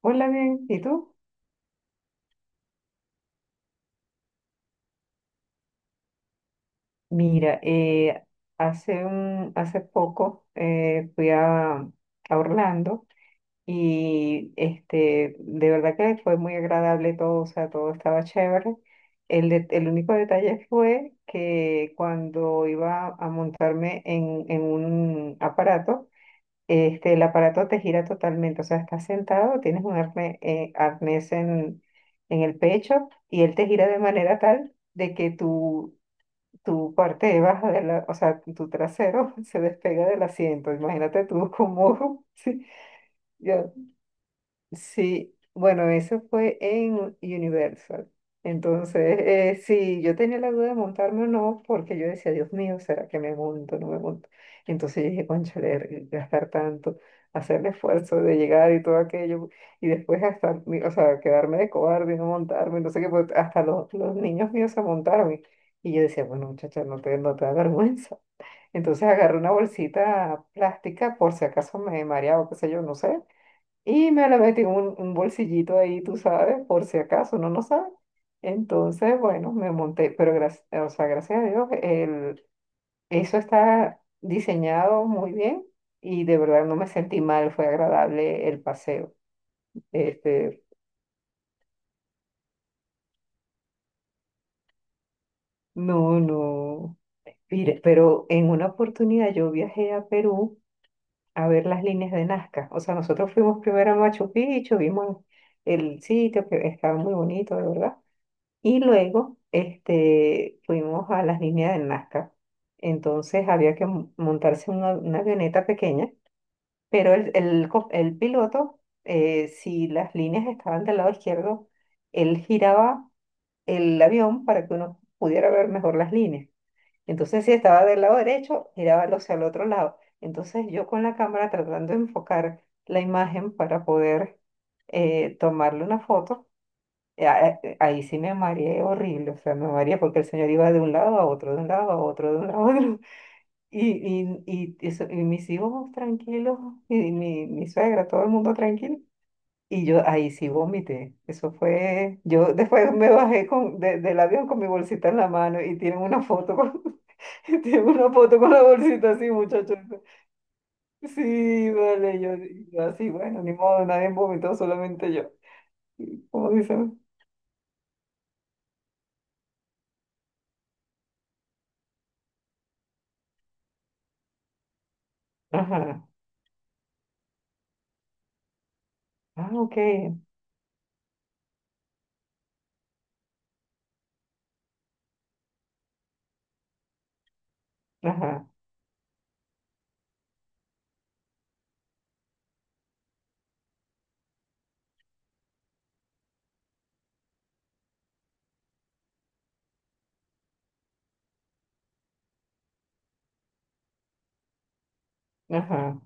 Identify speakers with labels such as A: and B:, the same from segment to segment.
A: Hola, bien, ¿y tú? Mira, hace poco fui a Orlando y de verdad que fue muy agradable todo, o sea, todo estaba chévere. El único detalle fue que cuando iba a montarme en un aparato, el aparato te gira totalmente, o sea, estás sentado, tienes un arnés en el pecho y él te gira de manera tal de que tú tu parte de baja de la, o sea, tu trasero se despega del asiento. Imagínate tú como, sí, yo Sí, bueno, eso fue en Universal. Entonces, sí, yo tenía la duda de montarme o no, porque yo decía, Dios mío, ¿será que me monto o no me monto? Entonces yo dije, cónchale, gastar tanto, hacer el esfuerzo de llegar y todo aquello, y después o sea, quedarme de cobarde y no montarme, no sé qué, pues, hasta los niños míos se montaron. Y yo decía, bueno, muchacha, no te da vergüenza. Entonces agarré una bolsita plástica por si acaso me mareaba, qué sé yo, no sé. Y me le metí un bolsillito ahí, tú sabes, por si acaso, uno no sabe. Entonces, bueno, me monté, pero gracias, o sea, gracias a Dios, eso está diseñado muy bien y de verdad no me sentí mal, fue agradable el paseo. Este, no, no. Mire, pero en una oportunidad yo viajé a Perú a ver las líneas de Nazca. O sea, nosotros fuimos primero a Machu Picchu, vimos el sitio que estaba muy bonito, de verdad. Y luego fuimos a las líneas del Nazca. Entonces había que montarse una avioneta pequeña, pero el piloto, si las líneas estaban del lado izquierdo, él giraba el avión para que uno pudiera ver mejor las líneas. Entonces si estaba del lado derecho, giraba hacia el otro lado. Entonces yo con la cámara tratando de enfocar la imagen para poder tomarle una foto ahí sí me mareé horrible, o sea, me mareé porque el señor iba de un lado a otro, de un lado a otro, de un lado a otro. Y mis hijos tranquilos, y mi suegra, todo el mundo tranquilo. Y yo ahí sí vomité. Eso fue, yo después me bajé del avión con mi bolsita en la mano y tienen una foto con, tienen una foto con la bolsita así, muchachos. Sí, vale, yo así, bueno, ni modo, nadie vomitó, solamente yo. ¿Cómo dicen? Ajá. Ah, ok. Ajá. Ajá.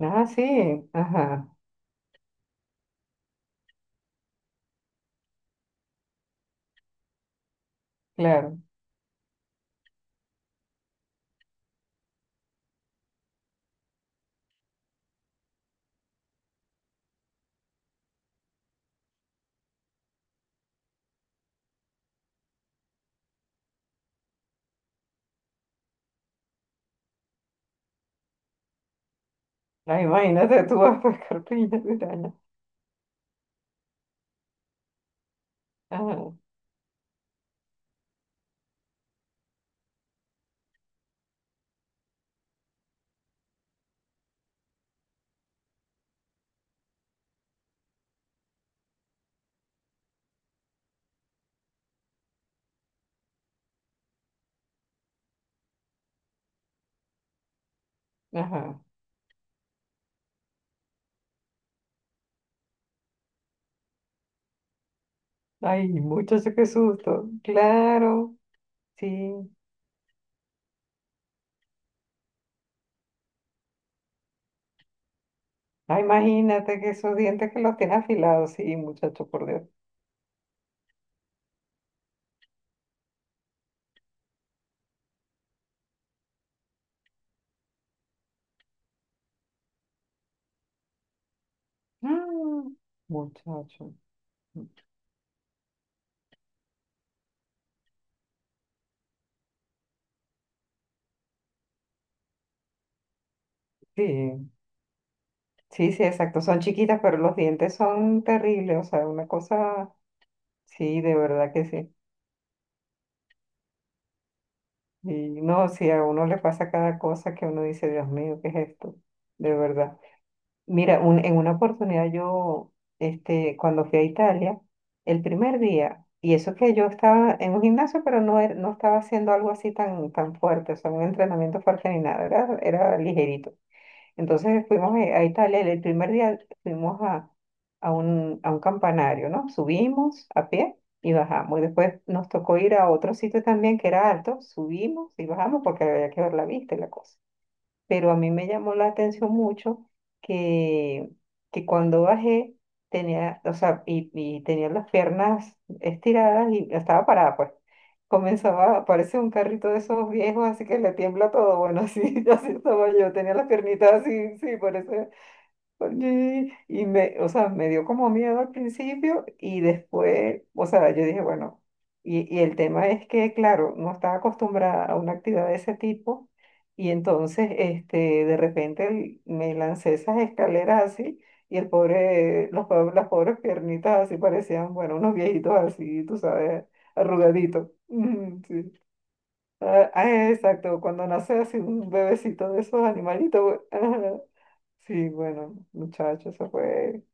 A: Ah, sí, ajá, claro. Ay, imagínate tú vas a pescar piña de araña. Ajá, ajá. Ay, muchacho, qué susto. Claro, sí. Ay, imagínate que esos dientes que los tiene afilados, sí, muchacho, por Dios. Mm, muchacho. Sí, sí, sí, exacto. Son chiquitas, pero los dientes son terribles. O sea, una cosa, sí, de verdad que sí. Y no, si a uno le pasa cada cosa que uno dice, Dios mío, ¿qué es esto? De verdad. Mira, en una oportunidad cuando fui a Italia, el primer día, y eso que yo estaba en un gimnasio, pero no, no estaba haciendo algo así tan fuerte, o sea, un entrenamiento fuerte ni nada, era ligerito. Entonces fuimos a Italia, el primer día fuimos a, a un campanario, ¿no? Subimos a pie y bajamos. Y después nos tocó ir a otro sitio también que era alto, subimos y bajamos porque había que ver la vista y la cosa, pero a mí me llamó la atención mucho que, que cuando bajé tenía, o sea, y tenía las piernas estiradas y estaba parada, pues. Comenzaba a parecer un carrito de esos viejos, así que le tiembla todo. Bueno, así estaba yo, tenía las piernitas así, sí, por eso o sea, me dio como miedo al principio y después, o sea, yo dije, bueno, y el tema es que, claro, no estaba acostumbrada a una actividad de ese tipo y entonces, de repente me lancé esas escaleras así y el pobre, las pobres piernitas así parecían, bueno, unos viejitos así, tú sabes, arrugaditos. Ujú, sí. Ah, ah, exacto, cuando nace así un bebecito de esos animalitos. Güey. Sí, bueno, muchachos, eso fue.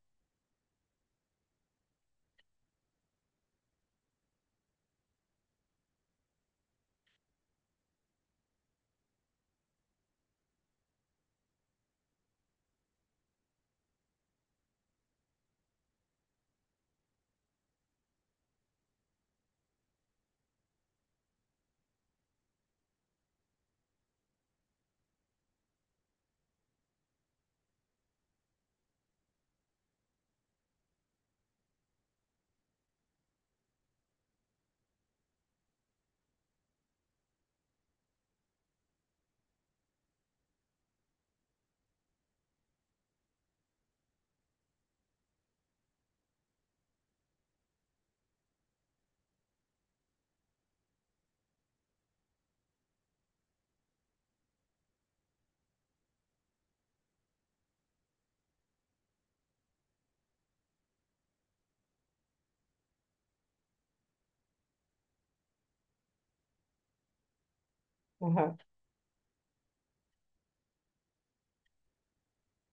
A: Ajá.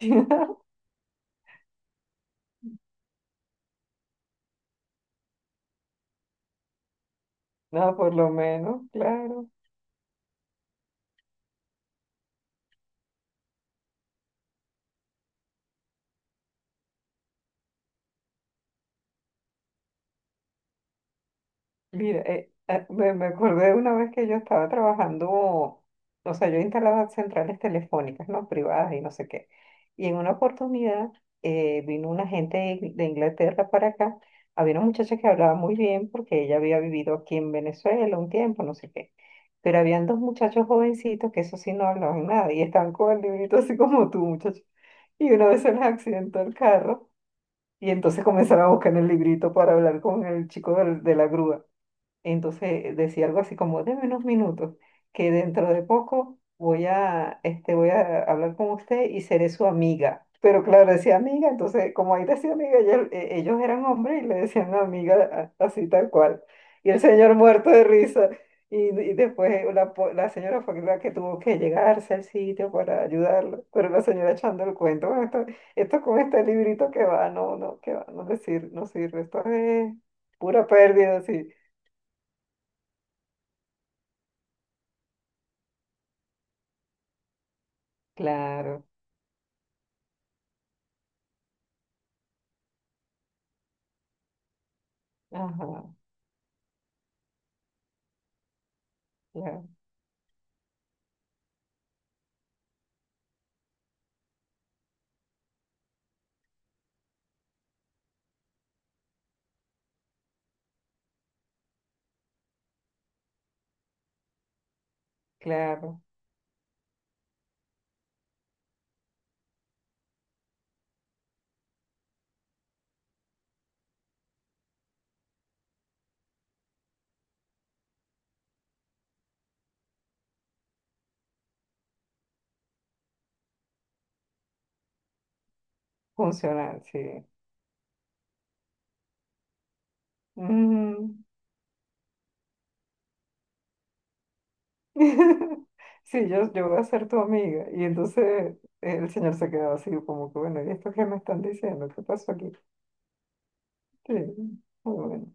A: No, por lo menos, claro. Mira, me acordé de una vez que yo estaba trabajando, o sea, yo instalaba centrales telefónicas, ¿no? Privadas y no sé qué. Y en una oportunidad vino una gente de de Inglaterra para acá. Había una muchacha que hablaba muy bien porque ella había vivido aquí en Venezuela un tiempo, no sé qué. Pero habían dos muchachos jovencitos que eso sí no hablaban nada y estaban con el librito así como tú, muchacho. Y una vez se les accidentó el carro y entonces comenzaron a buscar en el librito para hablar con el chico de la grúa. Entonces decía algo así como, deme unos minutos, que dentro de poco voy a, voy a hablar con usted y seré su amiga. Pero claro, decía amiga, entonces como ahí decía amiga, ellos eran hombres y le decían amiga así tal cual. Y el señor muerto de risa. Y después la señora fue la que tuvo que llegarse al sitio para ayudarlo. Pero la señora echando el cuento, "Bueno, esto con este librito que va, no, no, que va, no sirve, esto es pura pérdida, sí. Claro, ajá, claro, claro. Funcional, sí. Ujú. Sí, yo voy a ser tu amiga. Y entonces el señor se quedaba así, como que bueno, ¿y esto qué me están diciendo? ¿Qué pasó aquí? Sí, muy bueno.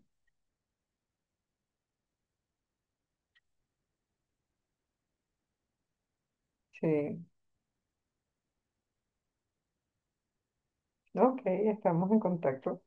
A: Sí, ok, estamos en contacto.